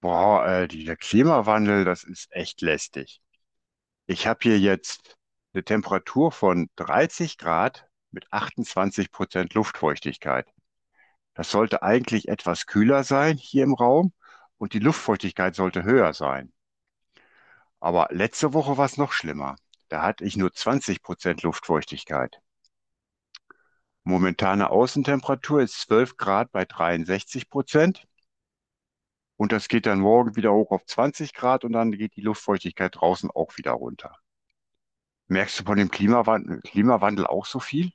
Dieser Klimawandel, das ist echt lästig. Ich habe hier jetzt eine Temperatur von 30 Grad mit 28% Luftfeuchtigkeit. Das sollte eigentlich etwas kühler sein hier im Raum und die Luftfeuchtigkeit sollte höher sein. Aber letzte Woche war es noch schlimmer. Da hatte ich nur 20% Luftfeuchtigkeit. Momentane Außentemperatur ist 12 Grad bei 63% und das geht dann morgen wieder hoch auf 20 Grad und dann geht die Luftfeuchtigkeit draußen auch wieder runter. Merkst du von dem Klimawandel auch so viel?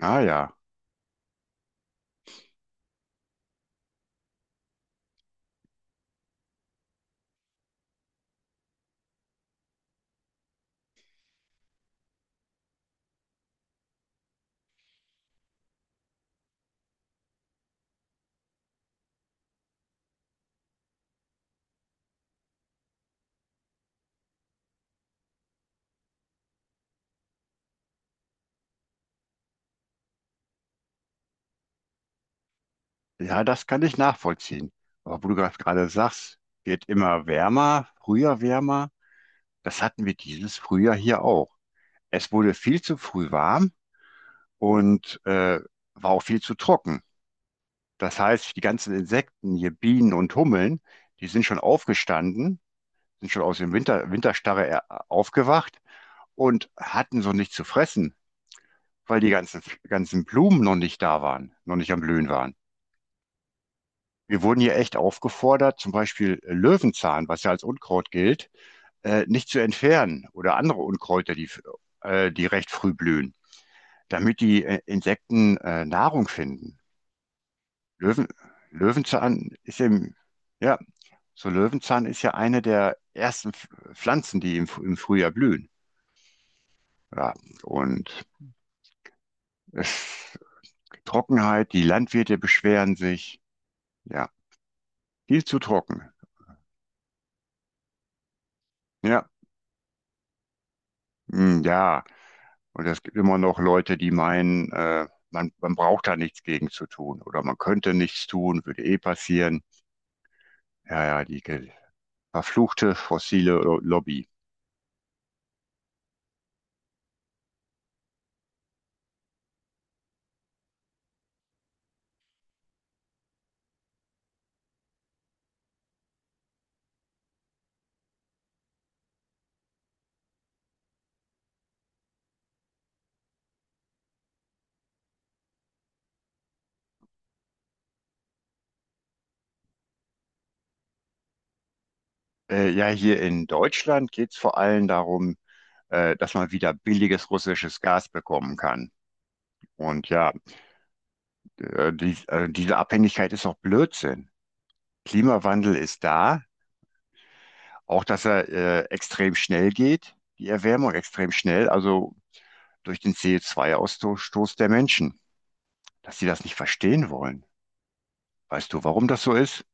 Ah ja, ja, das kann ich nachvollziehen. Aber wo du gerade sagst, wird immer wärmer, früher wärmer. Das hatten wir dieses Frühjahr hier auch. Es wurde viel zu früh warm und war auch viel zu trocken. Das heißt, die ganzen Insekten, hier Bienen und Hummeln, die sind schon aufgestanden, sind schon aus dem Winterstarre aufgewacht und hatten so nichts zu fressen, weil die ganzen Blumen noch nicht da waren, noch nicht am Blühen waren. Wir wurden hier echt aufgefordert, zum Beispiel Löwenzahn, was ja als Unkraut gilt, nicht zu entfernen oder andere Unkräuter, die recht früh blühen, damit die Insekten Nahrung finden. Löwen, Löwenzahn ist im, ja, so Löwenzahn ist ja eine der ersten Pflanzen, die im, im Frühjahr blühen. Ja, und es, Trockenheit, die Landwirte beschweren sich. Ja, viel zu trocken. Ja, hm, ja. Und es gibt immer noch Leute, die meinen, man braucht da nichts gegen zu tun oder man könnte nichts tun, würde eh passieren. Ja, ja, verfluchte fossile Lobby. Ja, Hier in Deutschland geht es vor allem darum, dass man wieder billiges russisches Gas bekommen kann. Und ja, diese Abhängigkeit ist doch Blödsinn. Klimawandel ist da, auch dass er extrem schnell geht, die Erwärmung extrem schnell, also durch den CO2 ausstoß der Menschen. Dass sie das nicht verstehen wollen. Weißt du, warum das so ist?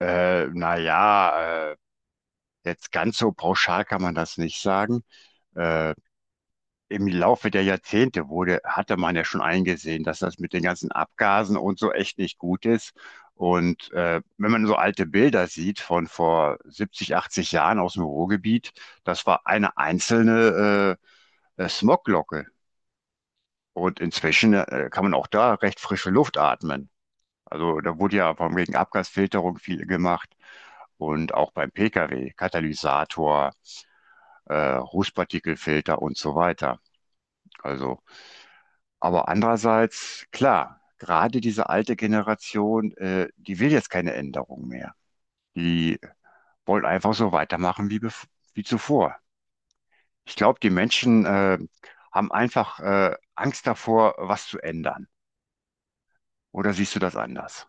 Äh, naja, äh, Jetzt ganz so pauschal kann man das nicht sagen. Äh, Im Laufe der hatte man ja schon eingesehen, dass das mit den ganzen Abgasen und so echt nicht gut ist. Und wenn man so alte Bilder sieht von vor 70, 80 Jahren aus dem Ruhrgebiet, das war eine einzelne Smoglocke. Und inzwischen kann man auch da recht frische Luft atmen. Also da wurde ja von wegen Abgasfilterung viel gemacht und auch beim Pkw, Katalysator, Rußpartikelfilter und so weiter. Also, aber andererseits, klar, gerade diese alte Generation, die will jetzt keine Änderung mehr. Die wollen einfach so weitermachen wie zuvor. Ich glaube, die haben Angst davor, was zu ändern. Oder siehst du das anders?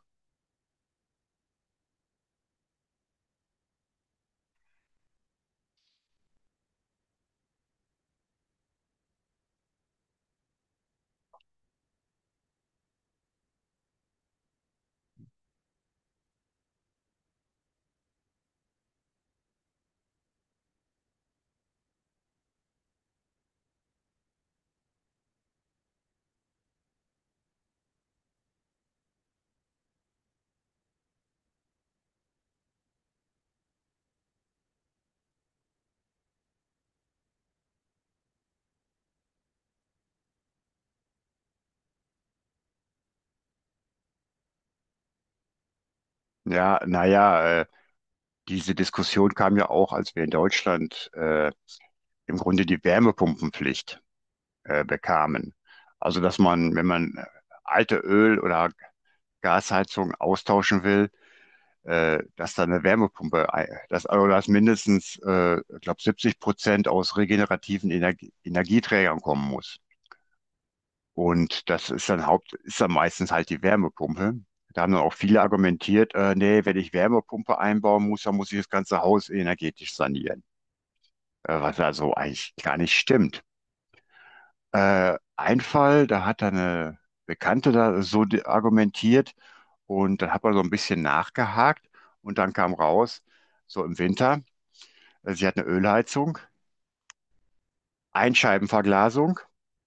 Ja, naja, diese Diskussion kam ja auch, als wir in Deutschland im Grunde die Wärmepumpenpflicht bekamen. Also, dass man, wenn man alte Öl- oder Gasheizung austauschen will, dass da eine Wärmepumpe, dass, also dass mindestens, ich glaube, 70% aus regenerativen Energieträgern kommen muss. Und das ist dann meistens halt die Wärmepumpe. Da haben dann auch viele argumentiert, nee, wenn ich Wärmepumpe einbauen muss, dann muss ich das ganze Haus energetisch sanieren. Was also eigentlich gar nicht stimmt. Ein Fall, da hat eine Bekannte da so argumentiert und dann hat man so ein bisschen nachgehakt und dann kam raus, so im Winter, sie hat eine Ölheizung, Einscheibenverglasung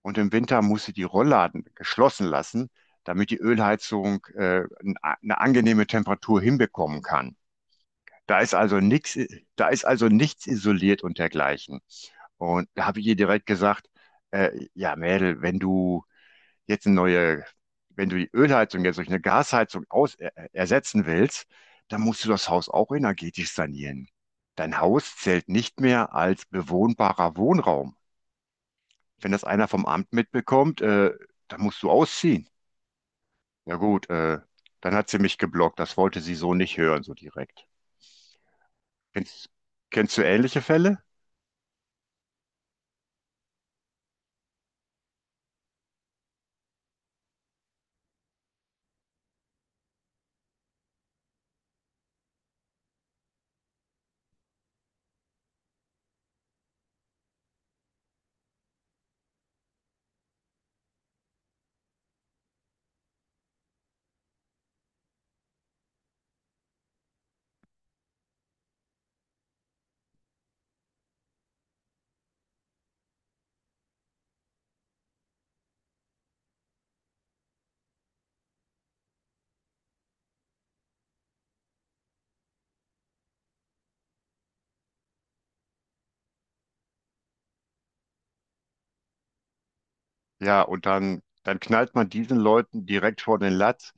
und im Winter muss sie die Rollladen geschlossen lassen, damit die Ölheizung eine angenehme Temperatur hinbekommen kann. Da ist also nichts, da ist also nichts isoliert und dergleichen. Und da habe ich ihr direkt gesagt, ja, Mädel, wenn du jetzt eine neue, wenn du die Ölheizung jetzt durch eine Gasheizung ersetzen willst, dann musst du das Haus auch energetisch sanieren. Dein Haus zählt nicht mehr als bewohnbarer Wohnraum. Wenn das einer vom Amt mitbekommt, dann musst du ausziehen. Ja gut, dann hat sie mich geblockt. Das wollte sie so nicht hören, so direkt. Kennst, Kennst du ähnliche Fälle? Ja, und dann knallt man diesen Leuten direkt vor den Latz.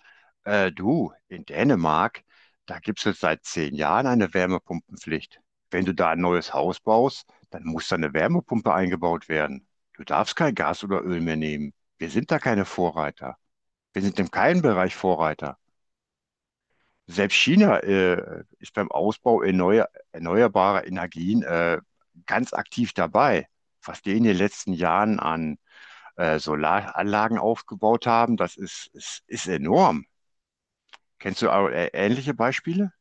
Du, in Dänemark, da gibt es jetzt seit 10 Jahren eine Wärmepumpenpflicht. Wenn du da ein neues Haus baust, dann muss da eine Wärmepumpe eingebaut werden. Du darfst kein Gas oder Öl mehr nehmen. Wir sind da keine Vorreiter. Wir sind in keinem Bereich Vorreiter. Selbst China ist beim Ausbau erneuerbarer Energien ganz aktiv dabei. Was die in den letzten Jahren an Solaranlagen aufgebaut haben, das ist enorm. Kennst du auch, ähnliche Beispiele?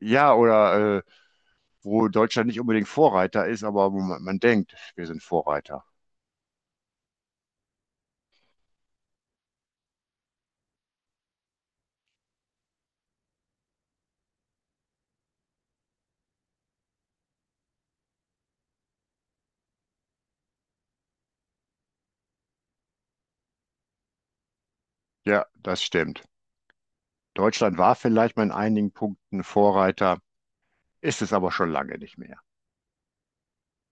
Ja, oder wo Deutschland nicht unbedingt Vorreiter ist, aber wo man denkt, wir sind Vorreiter. Ja, das stimmt. Deutschland war vielleicht mal in einigen Punkten Vorreiter, ist es aber schon lange nicht mehr.